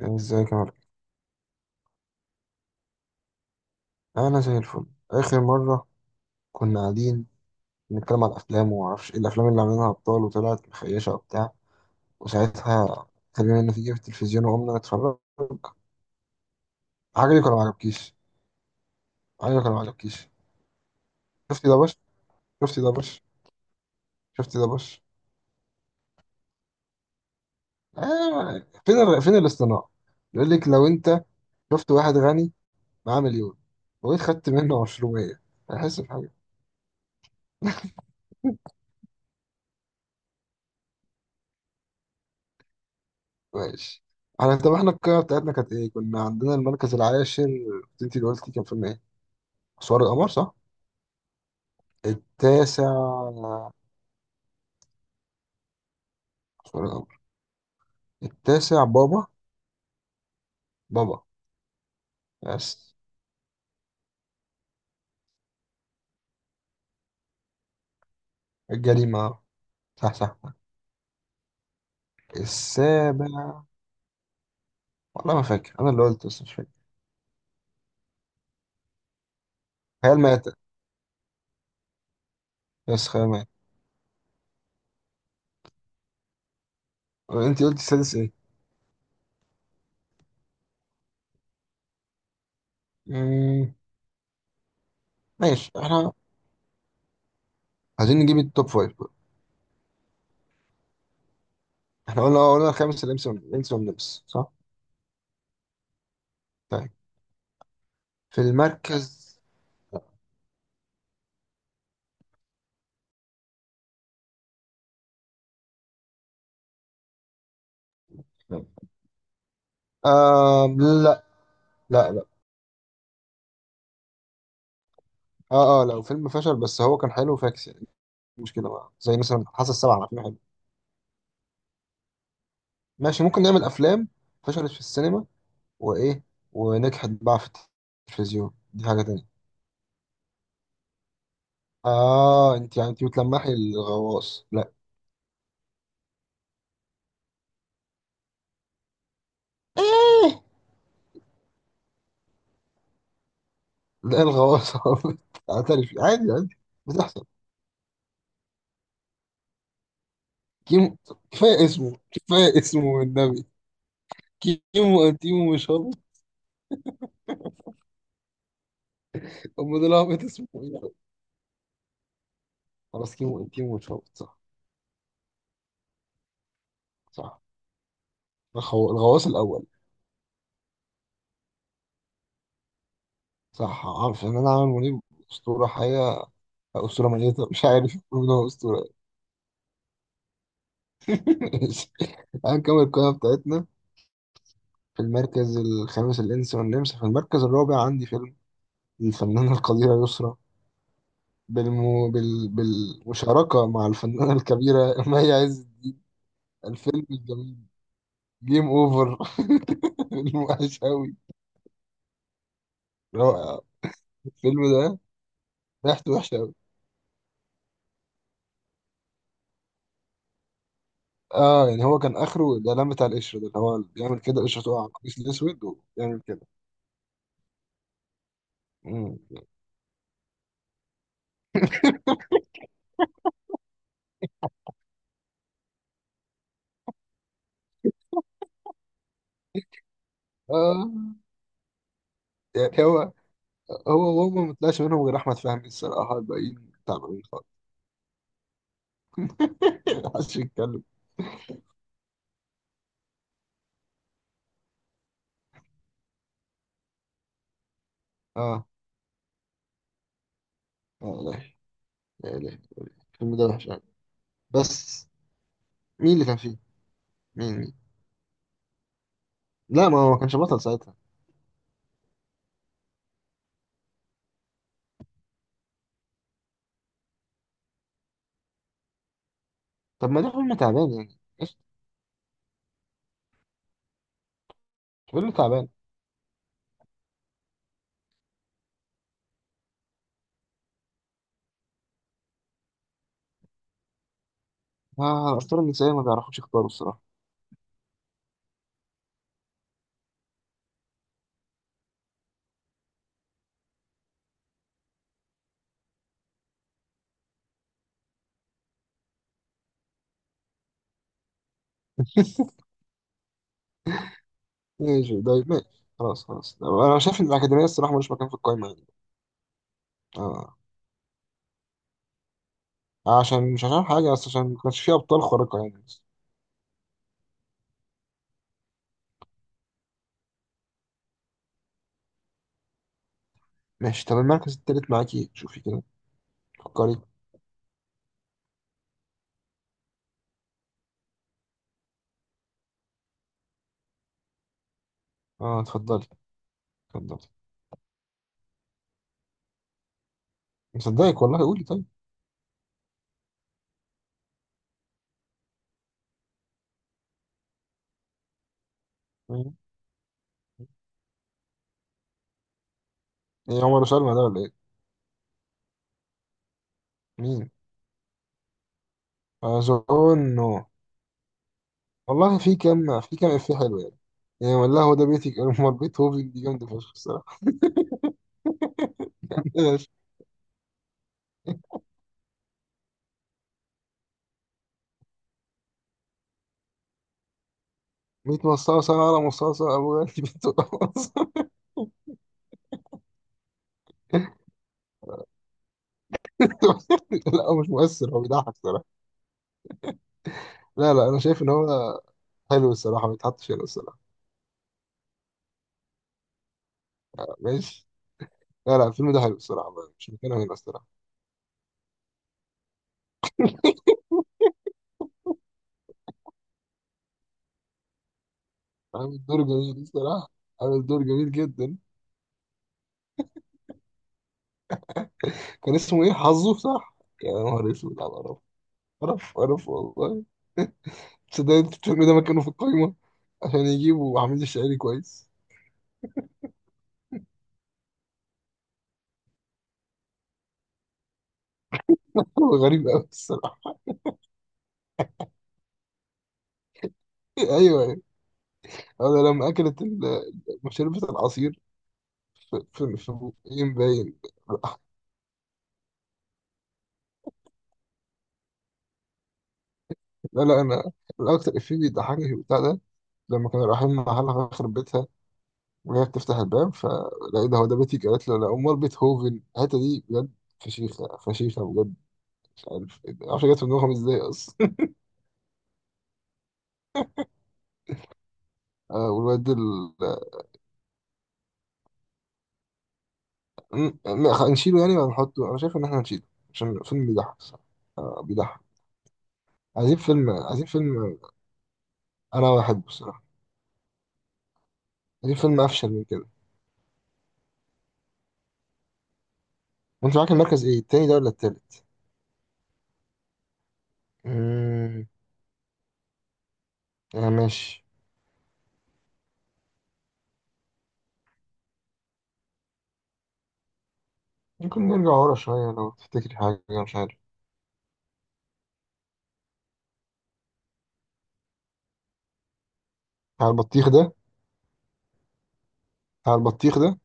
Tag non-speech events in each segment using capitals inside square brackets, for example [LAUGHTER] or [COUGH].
ازيك يا مارك؟ انا زي الفل. اخر مره كنا قاعدين بنتكلم على الافلام وما اعرفش ايه الافلام اللي عاملينها ابطال وطلعت مخيشه وبتاع، وساعتها خلينا نتيجه في التلفزيون وقمنا نتفرج. عجبك ولا ما عجبكيش عجبك ولا ما عجبكيش؟ شفتي ده بش شفتي ده بش شفتي ده بش؟ آه. فين الاصطناع؟ يقول لك، لو انت شفت واحد غني معاه مليون، وجيت خدت منه 20، هيحس بحاجه؟ ماشي. طب احنا القاعة بتاعتنا كانت ايه؟ كنا عندنا المركز العاشر، انت اللي قلتي كان فيلم ايه؟ اسوار القمر صح؟ التاسع. اسوار القمر. التاسع بابا بس. الجريمة، صح صح. السابع، والله ما فاكر انا اللي قلت بس مش فاكر. خيال مآتة، بس خيال مآتة. انت قلتي السادس ايه؟ مم، ماشي. احنا عايزين نجيب التوب فايف بقى. احنا قلنا قلنا الخامس الانس والنمس صح؟ طيب، في المركز... آه، لا لا لا. اه اه، لو فيلم فشل بس هو كان حلو فاكس يعني، مش مشكله بقى. زي مثلا حاسه السبعه، على فيلم حلو ماشي. ممكن نعمل افلام فشلت في السينما وايه ونجحت بقى في التلفزيون، دي حاجه تانية. اه، انت يعني بتلمحي الغواص؟ لا. ايه؟ لا، الغواص. [LAUGHS] اعترف، عادي عادي بتحصل. كيمو، كفايه اسمه كفايه اسمه والنبي. كيمو انتيمو مش هابط، امال ده لعبة اسمه ايه؟ خلاص، كيمو انتيمو مش هابط صح. صح. الغواص الاول. صح، عارف ان انا عامل منيب اسطوره حقيقه، اسطوره ميته، مش عارف يقولوا ان هو اسطوره. [LAUGHS] ماشي، هنكمل القائمه بتاعتنا. في المركز الخامس الانس والنمس. في المركز الرابع عندي فيلم الفنانه القديره يسرا بالمشاركه مع الفنانه الكبيره [LAUGHS] مي عز الدين، الفيلم الجميل جيم اوفر. [LAUGHS] فيلم وحش قوي. رائع [LAUGHS] الفيلم ده، ريحته وحشه قوي. اه، يعني هو كان اخره الاعلان بتاع القشره ده، اللي هو بيعمل كده القشره تقع على القميص الاسود ويعمل كده. مم. اه، يعني هو هو وهو ما طلعش منهم غير احمد فهمي الصراحه، الباقيين تعبانين خالص. [LAUGHS] محدش يتكلم. اه. لا لا لا لا، الفيلم ده وحش قوي بس. مين اللي كان فيه؟ مين مين؟ لا، ما هو ما كانش بطل ساعتها. طب ما ده فيلم تعبان يعني ايش. فيلم تعبان. آه، الأسطورة النسائية ما بيعرفوش يختاروا الصراحة. [LAUGHS] ماشي، طيب، ماشي. خلاص خلاص، أنا شايف إن الأكاديمية الصراحة ملوش مكان في القايمة يعني. آه. آه، عشان مش عشان حاجة، بس عشان ما كانش فيه أبطال خارقة يعني. ماشي. طب المركز التالت معاكي، شوفي كده، فكري. اه، اتفضلي، اتفضلي. مصدقك والله، قولي، طيب. مين؟ ايه، عمر وسلمى ده ولا ايه؟ مين؟ اظن. والله في كام افيه حلو يعني. يعني والله هو ده بيتك، امال بيت. هو دي جامده فشخ الصراحه. ماشي. ميت مصاصة على مصاصة أبو غالي بنت قصاصة. [LAUGHS] لا، هو مش مؤثر، هو بيضحك الصراحة. لا لا، أنا شايف إن هو حلو الصراحة، ما يتحطش هنا الصراحة. ماشي. لا لا، الفيلم ده حلو الصراحة، مش مكانه هنا الصراحة. عامل دور جميل الصراحة، عامل دور جميل جدا. كان اسمه ايه، حظه صح؟ يا نهار اسود على القرف، قرف قرف والله. تصدق انت بتعمل ده مكانه في القايمه، عشان يجيبوا عميد الشعري كويس. هو غريب قوي الصراحه. [LAUGHS] ايوه ايوه. انا لما اكلت شربت العصير في بقين باين. [LAUGHS] لا لا، انا الاكتر افيه بيضحكني في البتاع ده، لما كانوا رايحين محلها في بيتها وهي بتفتح الباب فلقيت ده، هو ده بيتك؟ قالت له لا، امال بيتهوفن؟ الحته دي بجد فشيخه، فشيخه بجد. مش عارف مش عارف جت في دماغهم ازاي اصلا. [LAUGHS] والواد. لا، نشيله يعني ولا نحطه؟ انا شايف ان احنا نشيله عشان الفيلم بيضحك الصراحه. بيضحك. عايزين فيلم، عايزين فيلم. انا بحبه الصراحه. عايزين فيلم افشل من كده. وانت معاك المركز ايه، التاني ده ولا التالت؟ امم. آه، ماشي. ممكن نرجع ورا شويه لو تفتكري حاجه، مش عارف. بتاع البطيخ ده؟ بتاع البطيخ ده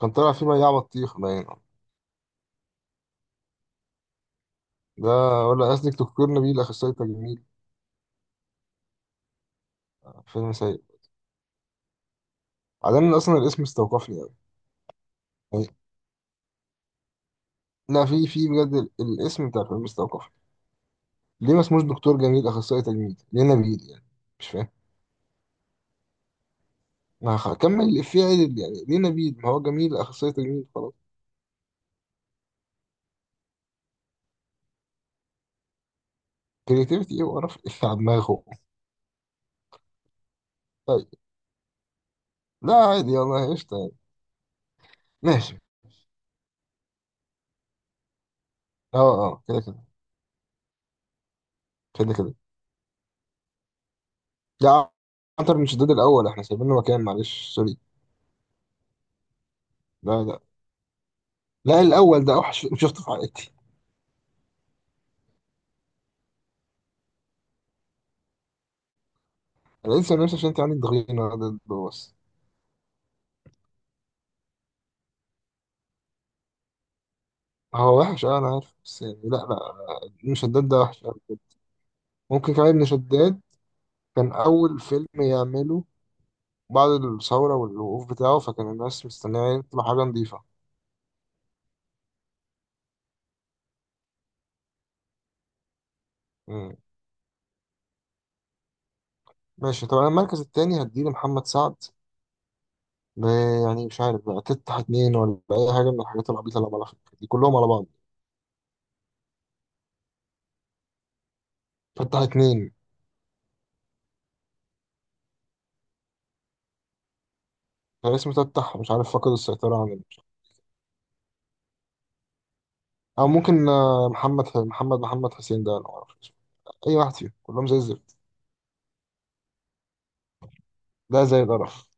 كان طالع فيه بياع بطيخ باين. ده؟ ولا قصدك دكتور نبيل اخصائي تجميل؟ فيلم سيء. بعدين اصلا الاسم استوقفني قوي يعني. لا، في بجد الاسم بتاع الفيلم استوقفني. ليه ما اسموش دكتور جميل اخصائي تجميل، ليه نبيل يعني؟ مش فاهم. ما هكمل الإفيه عدل يعني، ليه نبيل ما هو جميل اخصائي تجميل خلاص. كريتيفيتي ايه وقرف. [LAUGHS] الإفيه على دماغه. طيب. لا عادي والله، قشطة يعني. ماشي. اه اه، كده كده. كده كده. لا، عنتر من شداد الاول احنا سايبين له مكان، معلش سوري. لا لا لا، الاول ده اوحش، مش شفته في عائلتي. انا انسى نفسي عشان انت عندك ضغينه ده بس. هو وحش اه، انا عارف بس يعني، لا لا. ابن شداد ده وحش أوي. ممكن كمان ابن شداد كان اول فيلم يعمله بعد الثورة والوقوف بتاعه، فكان الناس مستنية يطلع حاجة نظيفة. مم. ماشي. طب أنا المركز التاني هديه لمحمد سعد. ب- يعني مش عارف بقى، تفتح اتنين ولا أي حاجة من الحاجات العبيطة اللي عملها دي كلهم على بعض. فتح اتنين. كان اسمه تفتح مش عارف، فقد السيطرة عن ال-. أو ممكن محمد محمد حسين ده أنا معرفش اسمه. أي واحد فيهم كلهم زي الزفت. ده زي القرف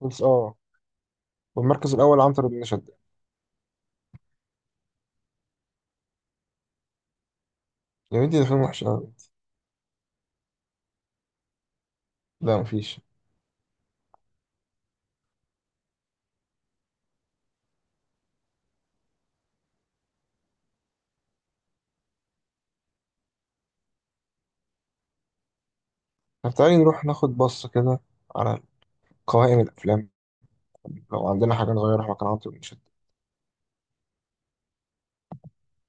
بس، اه. والمركز الأول عنتر بن شداد. يا بنتي ده فيلم وحش أوي. لا مفيش. طب تعالي نروح ناخد بصة كده على قوائم الأفلام، لو عندنا حاجة نغيرها كان عاطل مش